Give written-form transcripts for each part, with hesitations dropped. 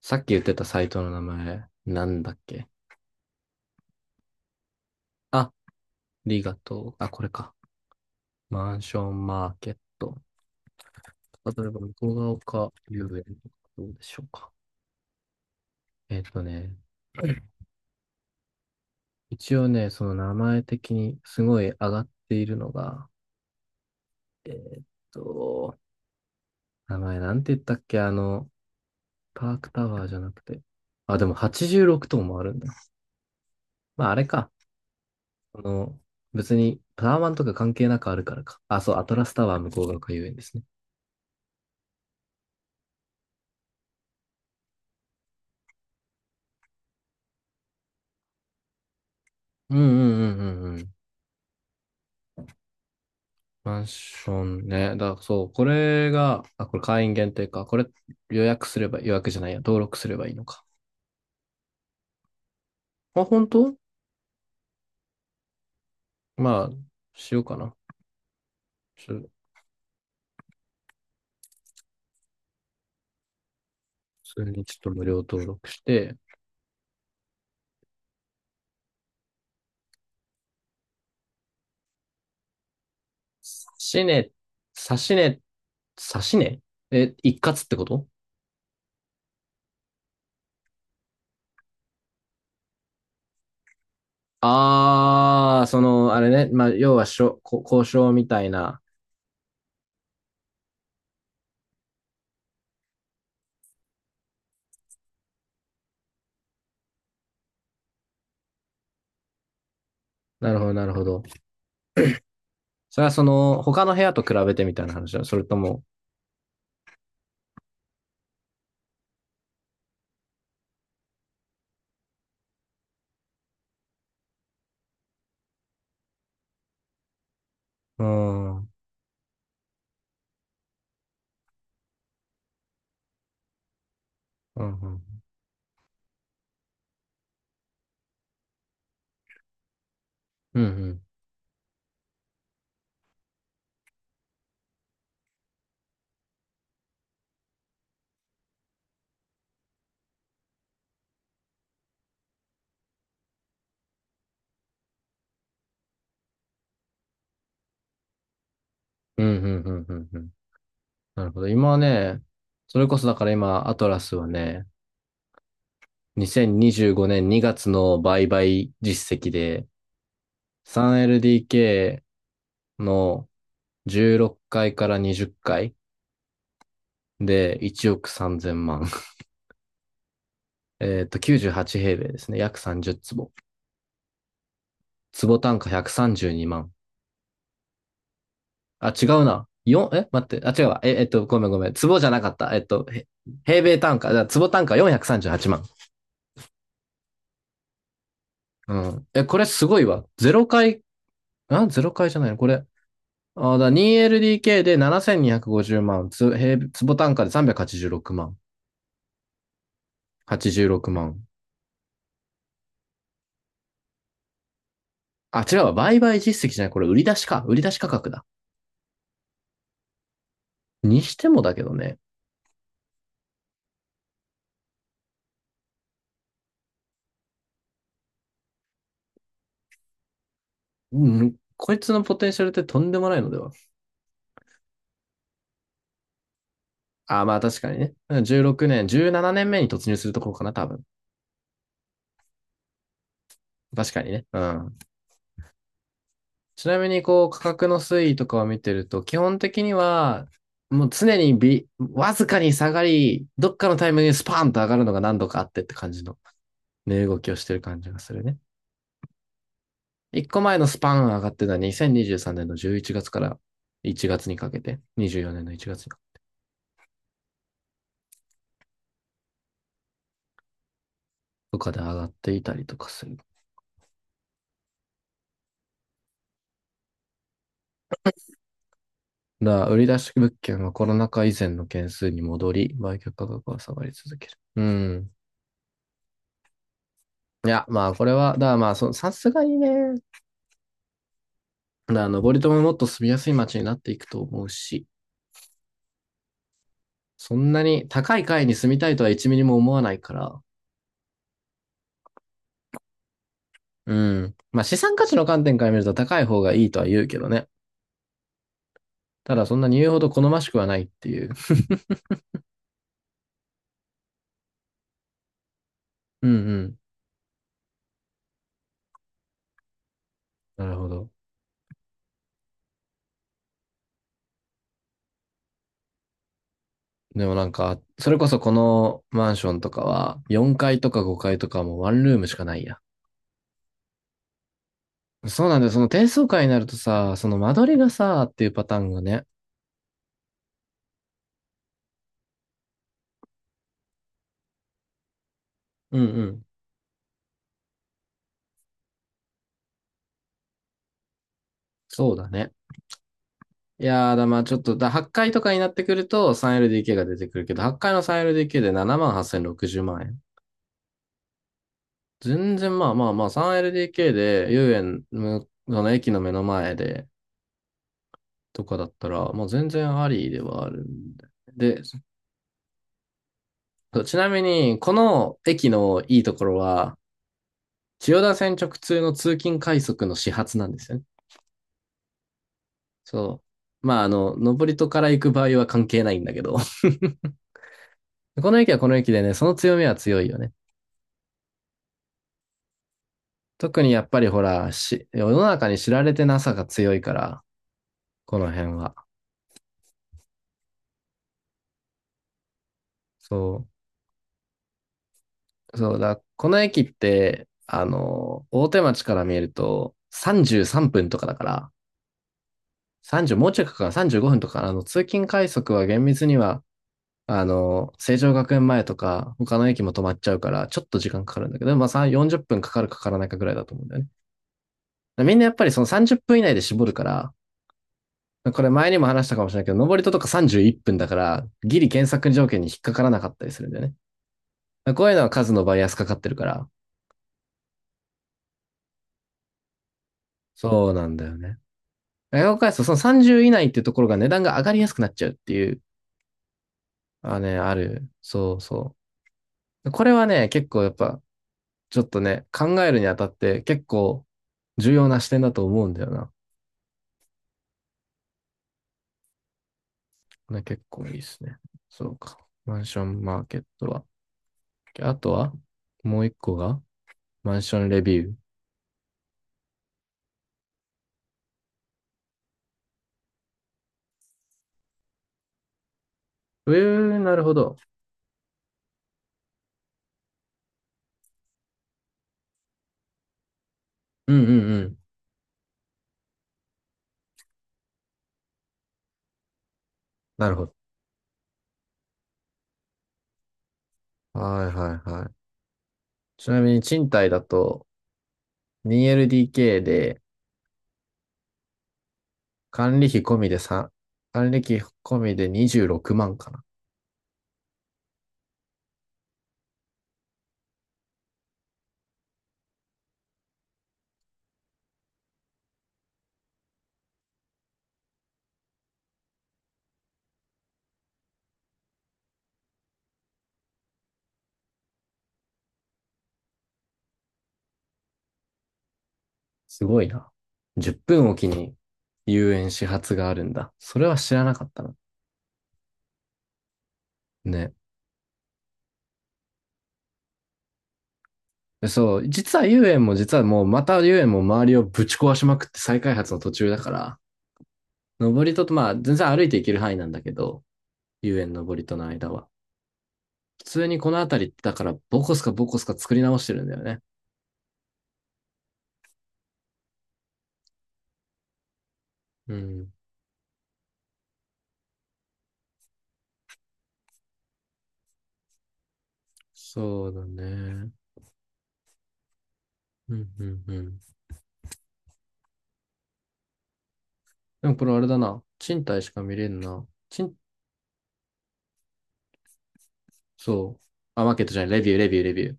さっき言ってたサイトの名前、なんだっけ。あ、リガとう。あ、これか。マンションマーケット。例えば、向ヶ丘遊園とかどうでしょうか。えっとね、一応ね、その名前的にすごい上がっているのが、えーっと、名前なんて言ったっけ、パークタワーじゃなくて。あ、でも86棟もあるんだ。まあ、あれか。あの、別にタワマンとか関係なくあるからか。あ、そう、アトラスタワー向ヶ丘遊園ですね。うんうんうんうんうん。マンションね。そう、これが、あ、これ会員限定か。これ予約すれば、予約じゃないや、登録すればいいのか。まあ、本当、まあ、しようかな。普通にちょっと無料登録して、指値、差し値、差し値え、一括ってこと。ああー、あれね。まあ、要はしょ、こ交渉みたいな。なるほど、なるほど。それは他の部屋と比べてみたいな話だ。それとも、うーん、うん、うん、うんうん。うん、うん、うん、うん。うん。なるほど。今はね、それこそだから今、アトラスはね、2025年2月の売買実績で、3LDK の16回かいから20回で1億3000万。98平米ですね。約30坪。坪単価132万。あ、違うな。4、え待って。あ、違うわ。ごめんごめん。坪じゃなかった。平米単価、だから坪単価438万。うん。え、これすごいわ。0回。あ、ゼロ回じゃないのこれ。あ、2LDK で7250万、坪単価で386万、86万。あ、違うわ、売買実績じゃない。これ売り出しか、売り出し価格だ。にしてもだけどね。うん、こいつのポテンシャルってとんでもないのでは。あ、まあ確かにね。じゅうろくねん16年、17年目に突入するところかな、多分。確かにね。うん。ちなみにこう価格の推移とかを見てると、基本的にはもう常にびわずかに下がり、どっかのタイミングでスパーンと上がるのが何度かあってって感じの値動きをしてる感じがするね。一個前のスパーン上がってた2023年の11月から1月にかけて、24年の1月とかで上がっていたりとかする。だから売り出し物件はコロナ禍以前の件数に戻り、売却価格は下がり続ける。うん。いや、まあこれは、だからまあそ、さすがにね、登戸ももっと住みやすい街になっていくと思うし、そんなに高い階に住みたいとは1ミリも思わないから、うん。まあ資産価値の観点から見ると高い方がいいとは言うけどね。ただそんなに言うほど好ましくはないっていう。うんうん。なるほど。でもなんか、それこそこのマンションとかは、4階とか5階とかもワンルームしかないや。そうなんだよ。その低層階になるとさ、その間取りがさ、っていうパターンがね。うんうん。そうだね。いやーだ、まあちょっと、8回とかになってくると 3LDK が出てくるけど、8回の 3LDK で7万8060万円。全然まあまあまあ 3LDK で遊園のその駅の目の前でとかだったら、もう全然ありではあるんで。で、そう、ちなみに、この駅のいいところは、千代田線直通の通勤快速の始発なんですよね。そう。まあ登戸から行く場合は関係ないんだけど、この駅はこの駅でね、その強みは強いよね。特にやっぱりほら、世の中に知られてなさが強いから、この辺は。そう。そうだ、この駅って、大手町から見えると33分とかだから、30、もうちょいかかる35分とか、通勤快速は厳密には、成城学園前とか、他の駅も止まっちゃうから、ちょっと時間かかるんだけど、まあ3、40分かかるかからないかぐらいだと思うんだよね。みんなやっぱりその30分以内で絞るから、これ前にも話したかもしれないけど、登り戸とか31分だから、ギリ検索条件に引っかからなかったりするんだよね。こういうのは数のバイアスかかってるから、そうなんだよね。外国開発とその30以内っていうところが値段が上がりやすくなっちゃうっていう、あね、ある。そうそう。これはね、結構やっぱ、ちょっとね、考えるにあたって結構重要な視点だと思うんだよな。ね、結構いいですね。そうか。マンションマーケットは。あとはもう一個がマンションレビュー。えー、なるほど。うんうんうん。なるほど。はいはいはい。ちなみに賃貸だと 2LDK で管理費込みで3、管理費込みで26万かな。すごいな。10分おきに遊園始発があるんだ。それは知らなかったな。ね。でそう、実は遊園も実はもうまた遊園も周りをぶち壊しまくって再開発の途中だから、登り戸とまあ全然歩いていける範囲なんだけど、遊園登り戸の間は。普通にこの辺りってだからボコスかボコスか作り直してるんだよね。うん。そうだね。うん、うん、うん。でもこれあれだな。賃貸しか見れんな。そう。あ、マーケットじゃない。レビュー、レビュー、レビュー。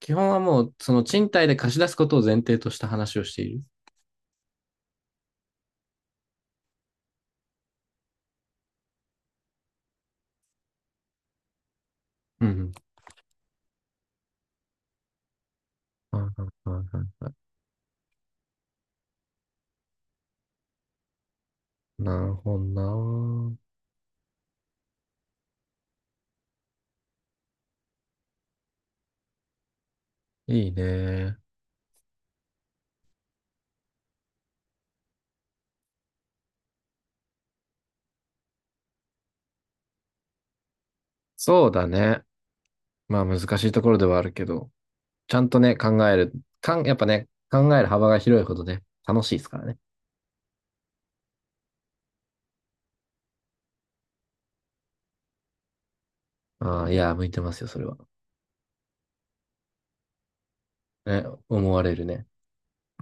基本はもう、その賃貸で貸し出すことを前提とした話をしている。うん、うん。はいはいはいはい。なるほどな。いいね。そうだね。まあ難しいところではあるけど、ちゃんとね、考える、かん、やっぱね、考える幅が広いほどね、楽しいですからね。ああ、いや、向いてますよ、それは。ね、思われるね。